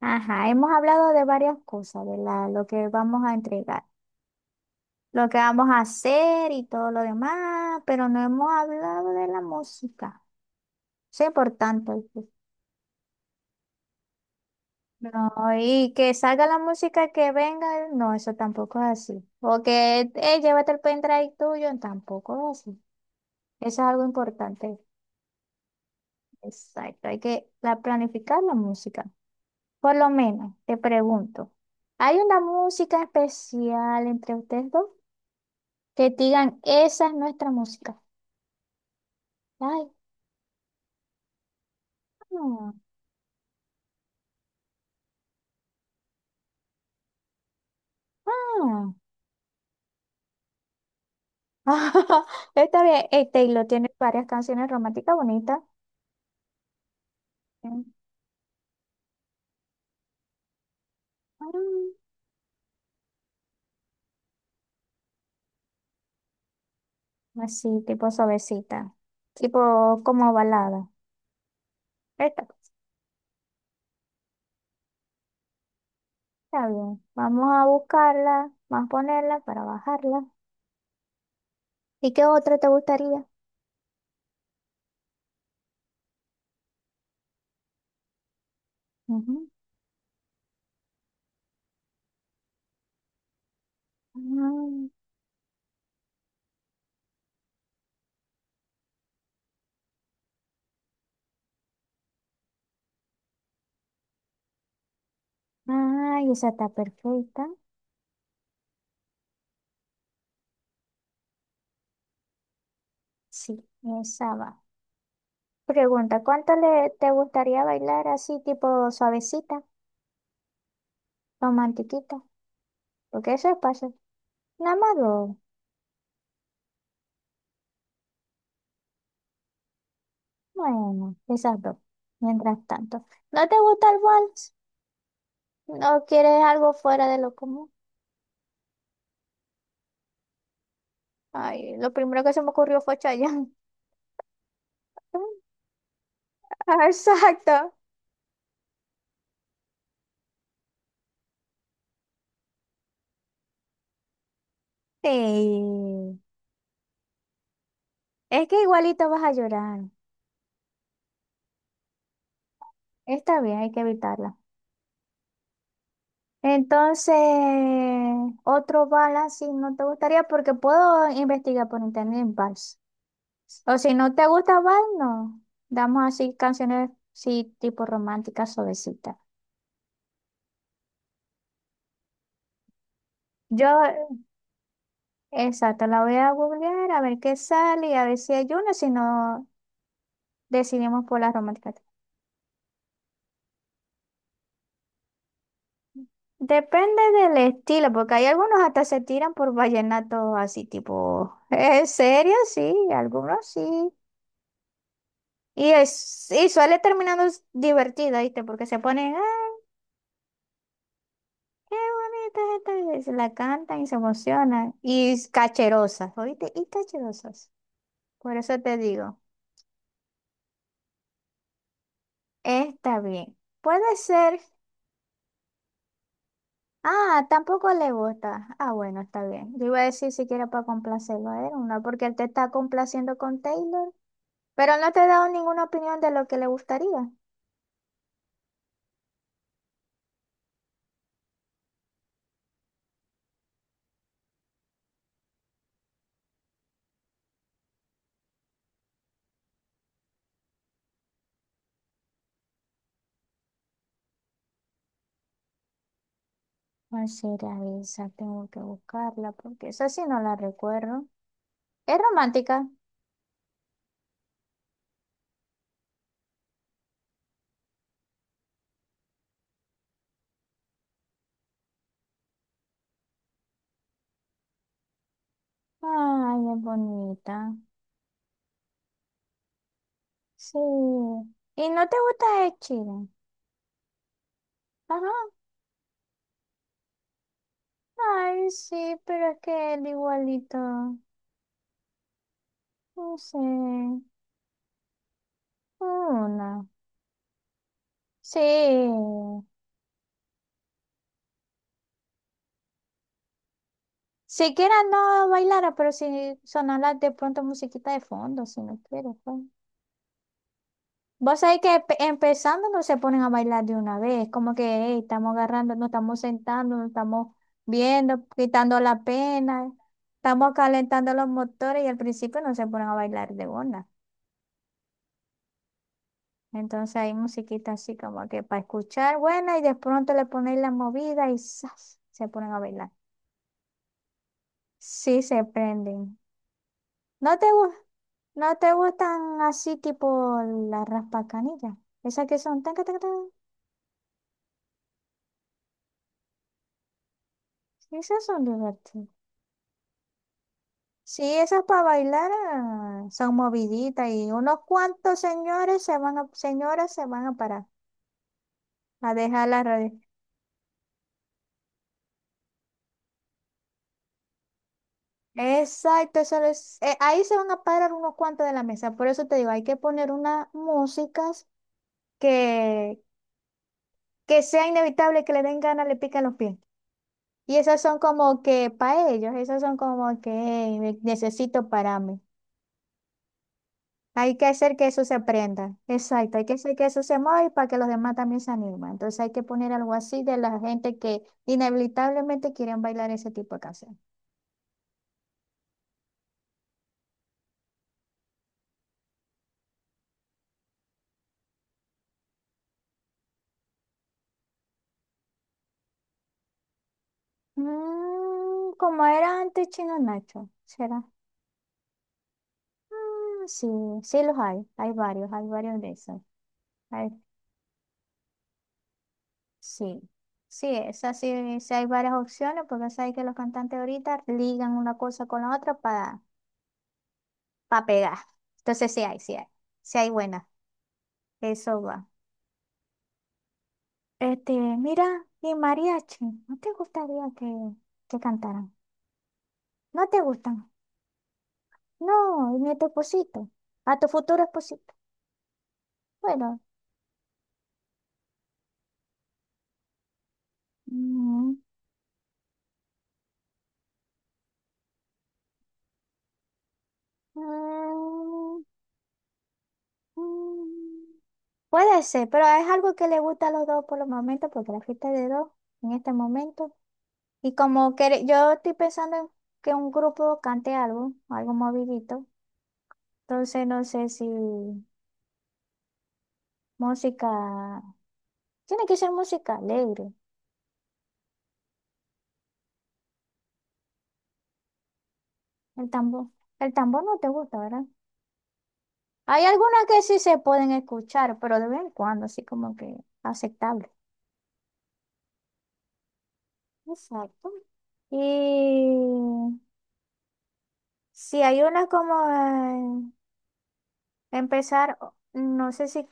Ajá, hemos hablado de varias cosas, lo que vamos a entregar, lo que vamos a hacer y todo lo demás, pero no hemos hablado de la música. Eso es importante. ¿Viste? No, y que salga la música que venga, no, eso tampoco es así. O que, llévate el pendrive tuyo, tampoco es así. Eso es algo importante. Exacto, hay que planificar la música. Por lo menos, te pregunto, ¿hay una música especial entre ustedes dos? Que te digan, esa es nuestra música. Ay, ah, ah. Está bien, Taylor tiene varias canciones románticas bonitas. Mm, ah, así, tipo suavecita. Tipo como balada. Esta, está bien. Vamos a buscarla, vamos a ponerla para bajarla. ¿Y qué otra te gustaría? Ujú. Ah, ay, esa está perfecta. Sí, esa va. Pregunta, ¿cuánto le te gustaría bailar así, tipo suavecita, romantiquita? Porque eso es paso. Nada más dos. Bueno, quizás dos. Mientras tanto. ¿No te gusta el vals? ¿No quieres algo fuera de lo común? Ay, lo primero que se me ocurrió fue Chayanne. Ah, exacto. Sí. Es que igualito vas a llorar. Está bien, hay que evitarla. Entonces, otro vals si no te gustaría, porque puedo investigar por internet en vals. O si no te gusta vals, no. Damos así canciones, sí, tipo románticas, suavecitas. Yo, exacto, la voy a googlear a ver qué sale y a ver si hay una, si no decidimos por las románticas. Depende del estilo, porque hay algunos hasta se tiran por vallenatos así, tipo, ¿en serio? Sí, algunos sí. Y, es, y suele divertido, ¿viste? Porque se ponen, ¡ah, qué bonita esta! Y se la cantan y se emocionan. Y cacherosas, ¿oíste? Y cacherosas. Por eso te digo, está bien. Puede ser ah, tampoco le gusta. Ah, bueno, está bien. Yo iba a decir siquiera para complacerlo a él, ¿no? Porque él te está complaciendo con Taylor, pero no te he dado ninguna opinión de lo que le gustaría. ¿Cuál será esa? Tengo que buscarla porque esa sí no la recuerdo. Es romántica. Ay, es bonita. Sí. ¿Y no te gusta Ed Sheeran? Ajá. Ay, sí, pero es que él igualito. No sé. Una. Sí. Siquiera no bailara, pero si sonara de pronto musiquita de fondo, si no quiero, pues. Vos sabés que empezando no se ponen a bailar de una vez, como que hey, estamos agarrando, nos estamos sentando, nos estamos viendo, quitando la pena, estamos calentando los motores y al principio no se ponen a bailar de una. Entonces hay musiquita así como que para escuchar buena y de pronto le ponéis la movida y ¡zas! Se ponen a bailar. Sí se prenden. ¿No te gus- ¿No te gustan así tipo las raspacanillas? Esas que son tan, tan, tan, tan. Esas son divertidas. Sí, esas para bailar ah, son moviditas y unos cuantos señores se van a, señoras se van a parar a dejar la radio. Exacto, ahí se van a parar unos cuantos de la mesa. Por eso te digo, hay que poner unas músicas que, que sea inevitable que le den ganas, le pican los pies. Y esas son como que para ellos, esas son como que "Ey, necesito para mí. Hay que hacer que eso se aprenda. Exacto, hay que hacer que eso se mueva y para que los demás también se animen. Entonces hay que poner algo así de la gente que inevitablemente quieren bailar ese tipo de canción. Mm, como era antes Chino Nacho, ¿será? Mm, sí, sí los hay, hay varios de esos. Hay- sí. Sí, esas sí, sí hay varias opciones porque sabes que los cantantes ahorita ligan una cosa con la otra para pegar. Entonces sí hay, sí hay, sí hay buena. Eso va. Este, mira, y mariachi, ¿no te gustaría que, ¿que cantaran? ¿No te gustan? No, ni a tu esposito, a tu futuro esposito. Bueno, mm, mm, mm, puede ser, pero es algo que le gusta a los dos por los momentos, porque la fiesta es de dos en este momento. Y como que yo estoy pensando en que un grupo cante algo, algo movidito. Entonces no sé si música, tiene que ser música alegre. El tambor, el tambor no te gusta, ¿verdad? Hay algunas que sí se pueden escuchar, pero de vez en cuando, así como que aceptable. Exacto. Y si hay unas como eh, empezar, no sé si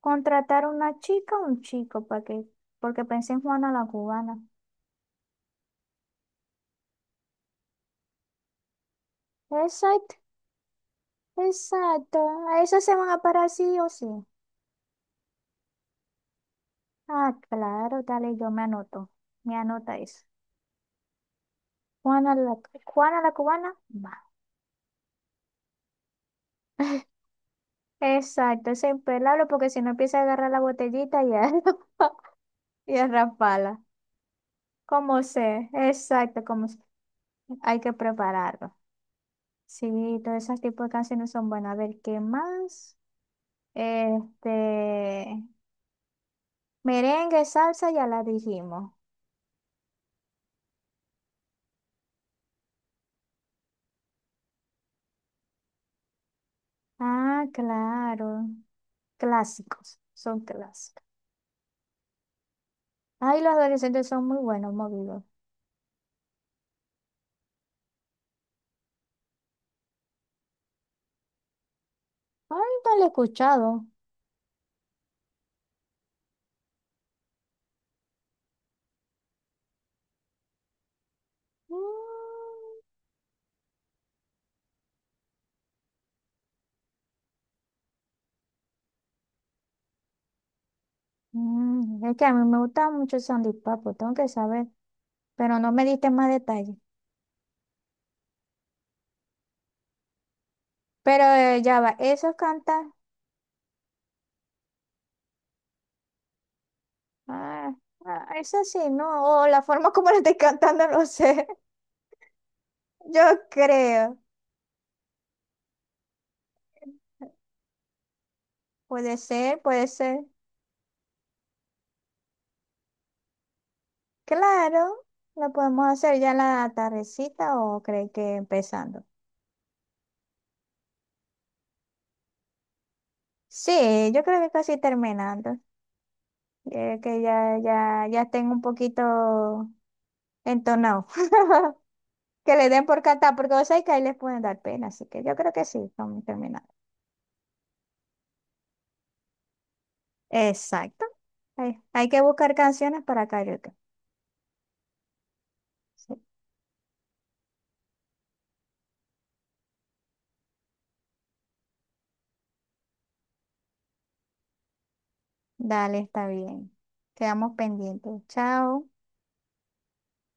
contratar una chica o un chico, para que, porque pensé en Juana la cubana. Exacto, exacto. A eso se van a parar sí o sí. Ah, claro, dale, yo me anoto. Me anota eso. Juana la, Juana la cubana, va. Exacto, es impelable porque si no empieza a agarrar la botellita y a, y a rasparla. Como sé, exacto, como sé. Hay que prepararlo. Sí, todos esos tipos de canciones son buenas. A ver, ¿qué más? Este, merengue, salsa, ya la dijimos. Ah, claro. Clásicos, son clásicos. Ay, los adolescentes son muy buenos, movidos. Ay, no lo he escuchado. Mm. Mm, es que a mí me gustaba mucho el sandipapo, tengo que saber, pero no me diste más detalles. Pero ya va, eso canta, ah, ah, eso sí, no, o la forma como lo estoy cantando, no sé, yo creo, puede ser, claro, lo podemos hacer ya en la tardecita o cree que empezando. Sí, yo creo que casi terminando, que ya tengo un poquito entonado. Que le den por cantar, porque vos sabés que ahí les pueden dar pena, así que yo creo que sí, estamos terminados. Exacto. Hay que buscar canciones para karaoke. Sí. Dale, está bien. Quedamos pendientes. Chao.